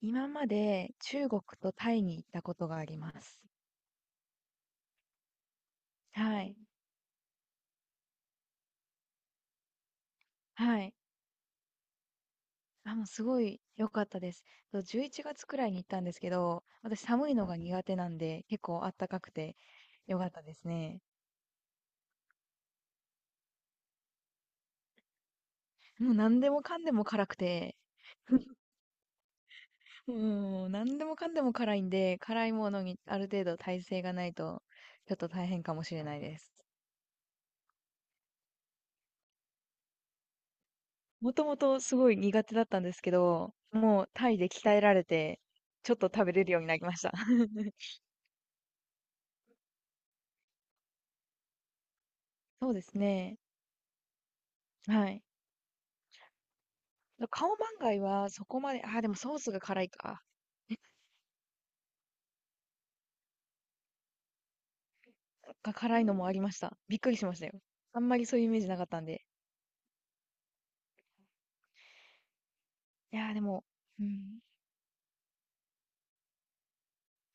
今まで中国とタイに行ったことがあります。はい。はい。あ、もうすごい良かったです。11月くらいに行ったんですけど、私寒いのが苦手なんで、結構あったかくて良かったですね。もう何でもかんでも辛くて、もう何でもかんでも辛いんで、辛いものにある程度耐性がないと、ちょっと大変かもしれないです。もともとすごい苦手だったんですけど、もうタイで鍛えられて、ちょっと食べれるようになりました。そうですね。はい。顔カオはそこまで、あ、でもソースが辛いか。が辛いのもありました。びっくりしましたよ。あんまりそういうイメージなかったんで。いや、でも、うん。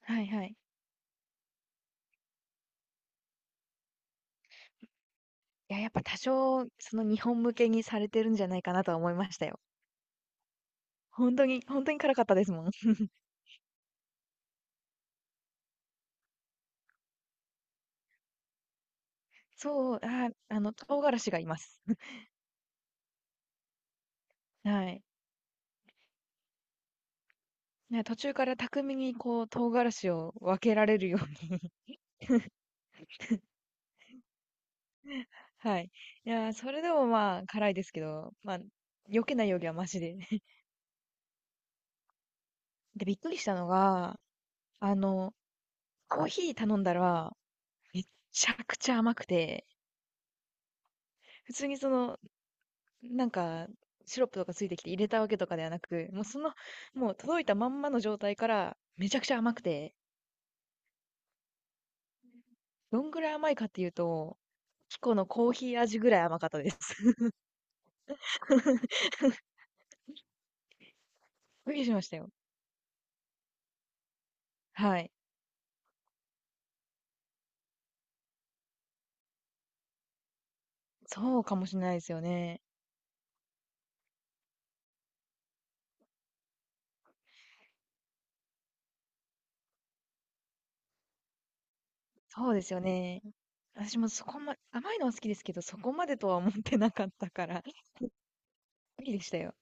はいはい。いや、やっぱ多少、その日本向けにされてるんじゃないかなとは思いましたよ。本当に、本当に辛かったですもん。そう、唐辛子がいます。はい。ね、途中から巧みにこう唐辛子を分けられるように。はい。いやー、それでもまあ辛いですけど、まあ、避けないよりはマシで。で、びっくりしたのが、あの、コーヒー頼んだら、めちゃくちゃ甘くて、普通にその、なんか、シロップとかついてきて入れたわけとかではなく、もう届いたまんまの状態から、めちゃくちゃ甘くて、どんぐらい甘いかっていうと、キコのコーヒー味ぐらい甘かったです。びっくりしましたよ。はい。そうかもしれないですよね。そうですよね。私もそこま、甘いのは好きですけど、そこまでとは思ってなかったから、びっくりでしたよ。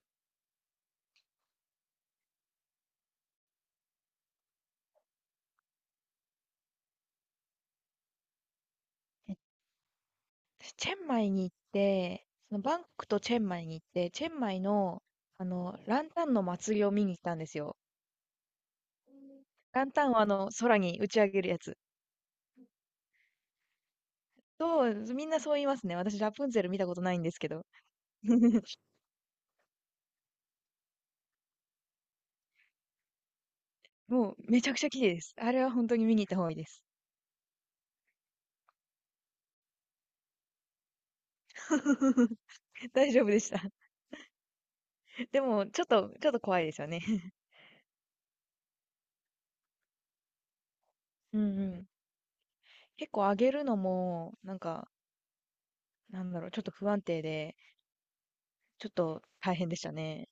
私、チェンマイに行って、そのバンコクとチェンマイに行って、チェンマイの、ランタンの祭りを見に行ったんですよ。ランタンを空に打ち上げるやつ。そう、みんなそう言いますね。私、ラプンツェル見たことないんですけど。もう、めちゃくちゃ綺麗です。あれは本当に見に行った方がいいです。大丈夫でした。でも、ちょっと、ちょっと怖いですよね。うんうん。結構上げるのも、ちょっと不安定で、ちょっと大変でしたね。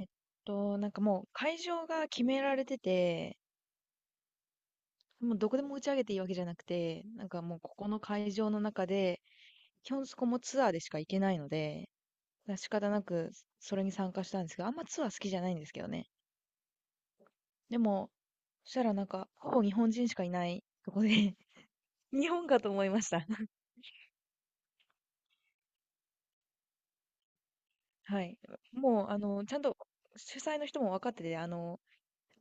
えっもう会場が決められてて、もうどこでも打ち上げていいわけじゃなくて、もうここの会場の中で、基本そこもツアーでしか行けないので、だから仕方なくそれに参加したんですけど、あんまツアー好きじゃないんですけどね。でも、そしたらなんか、ほぼ日本人しかいないとこで、日本かと思いました。はい。もう、ちゃんと主催の人も分かってて、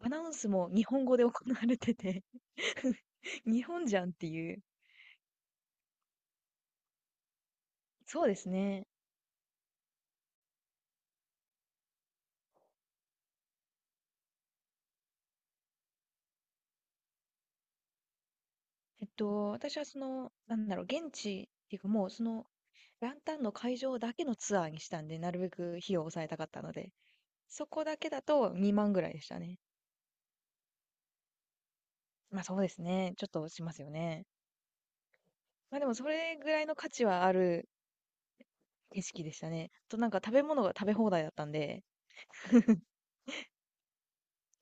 アナウンスも日本語で行われてて、日本じゃんっていう。そうですね。私はその、現地っていうか、もうその、ランタンの会場だけのツアーにしたんで、なるべく費用を抑えたかったので、そこだけだと2万ぐらいでしたね。まあそうですね。ちょっとしますよね。まあでもそれぐらいの価値はある景色でしたね。あとなんか食べ物が食べ放題だったんで、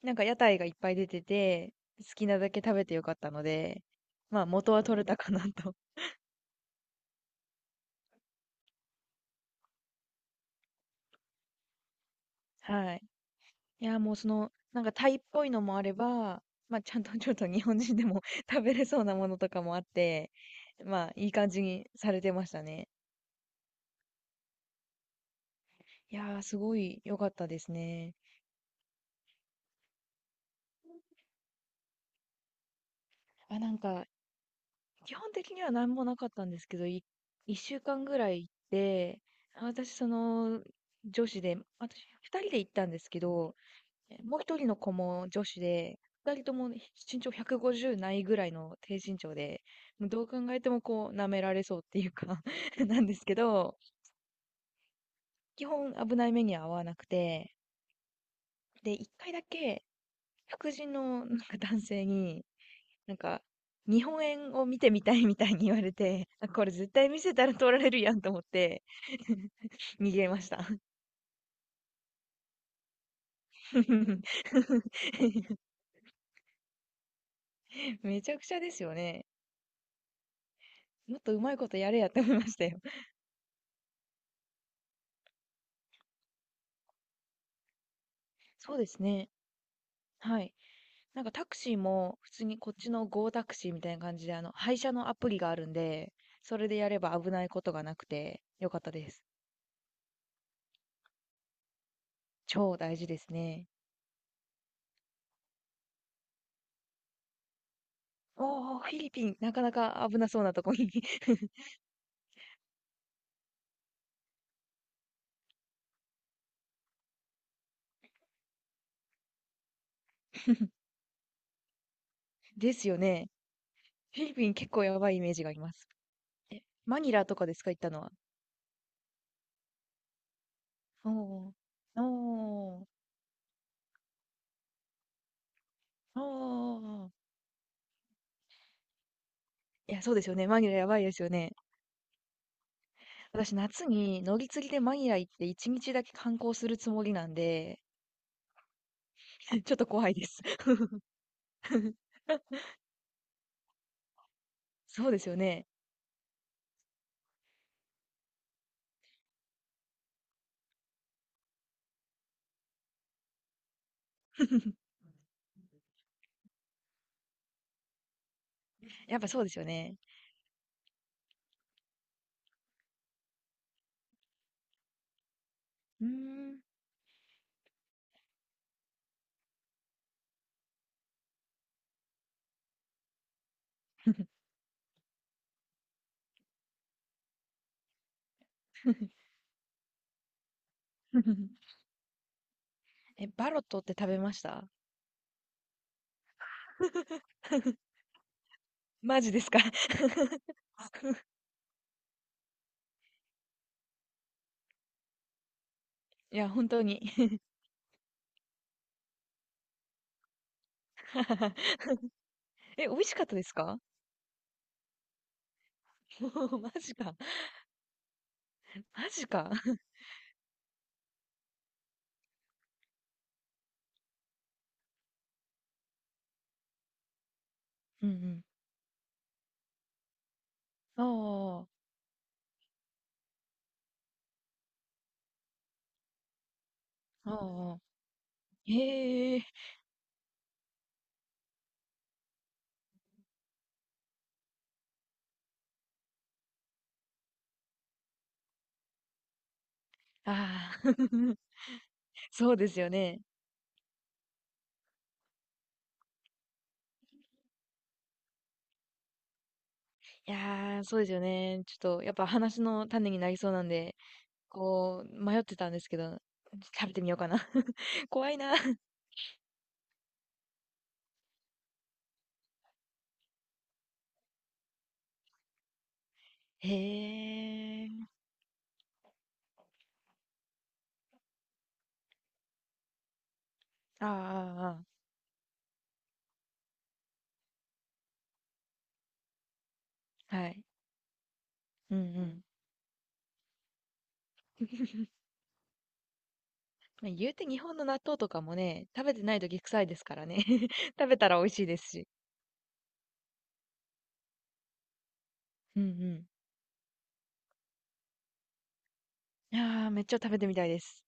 なんか屋台がいっぱい出てて、好きなだけ食べてよかったので、まあ元は取れたかなと。はい。いや、もうその、なんかタイっぽいのもあれば、まあ、ちゃんとちょっと日本人でも 食べれそうなものとかもあって、まあ、いい感じにされてましたね。いやー、すごい良かったですね。あ、なんか、基本的には何もなかったんですけど、1週間ぐらい行って、私、その、女子で、私、2人で行ったんですけど、もう一人の子も女子で、二人ともね身長150ないぐらいの低身長で、もうどう考えてもこう、舐められそうっていうか なんですけど、基本危ない目には遭わなくて、で、一回だけ、白人のなんか男性に、なんか、日本円を見てみたいみたいに言われて、あこれ絶対見せたら取られるやんと思って、逃げました。めちゃくちゃですよね。もっとうまいことやれやって思いましたよ。そうですね。はい。なんかタクシーも普通にこっちの Go タクシーみたいな感じで、配車のアプリがあるんで、それでやれば危ないことがなくてよかったです。超大事ですね。おー、フィリピン、なかなか危なそうなとこに ですよね。フィリピン結構やばいイメージがあります。マニラとかですか、行ったのは。おー、おー、おー。いや、そうですよね。マニラやばいですよね。私、夏に乗り継ぎでマニラ行って一日だけ観光するつもりなんで、ちょっと怖いです。そうですよね。やっぱそうですよね。うーん。え、バロットって食べました？ マジですか？ いや、本当に。 え、美味しかったですか？ マジか。マジか。うんうん。おー、おー、へえ、ああー、そうですよね。いやー、そうですよね。ちょっと、やっぱ話の種になりそうなんで、こう、迷ってたんですけど、食べてみようかな。怖いな。へえ。ああああああ。はい。うんうん。ま、言うて日本の納豆とかもね、食べてない時臭いですからね。食べたら美味しいですし。うんうん。いや、めっちゃ食べてみたいです。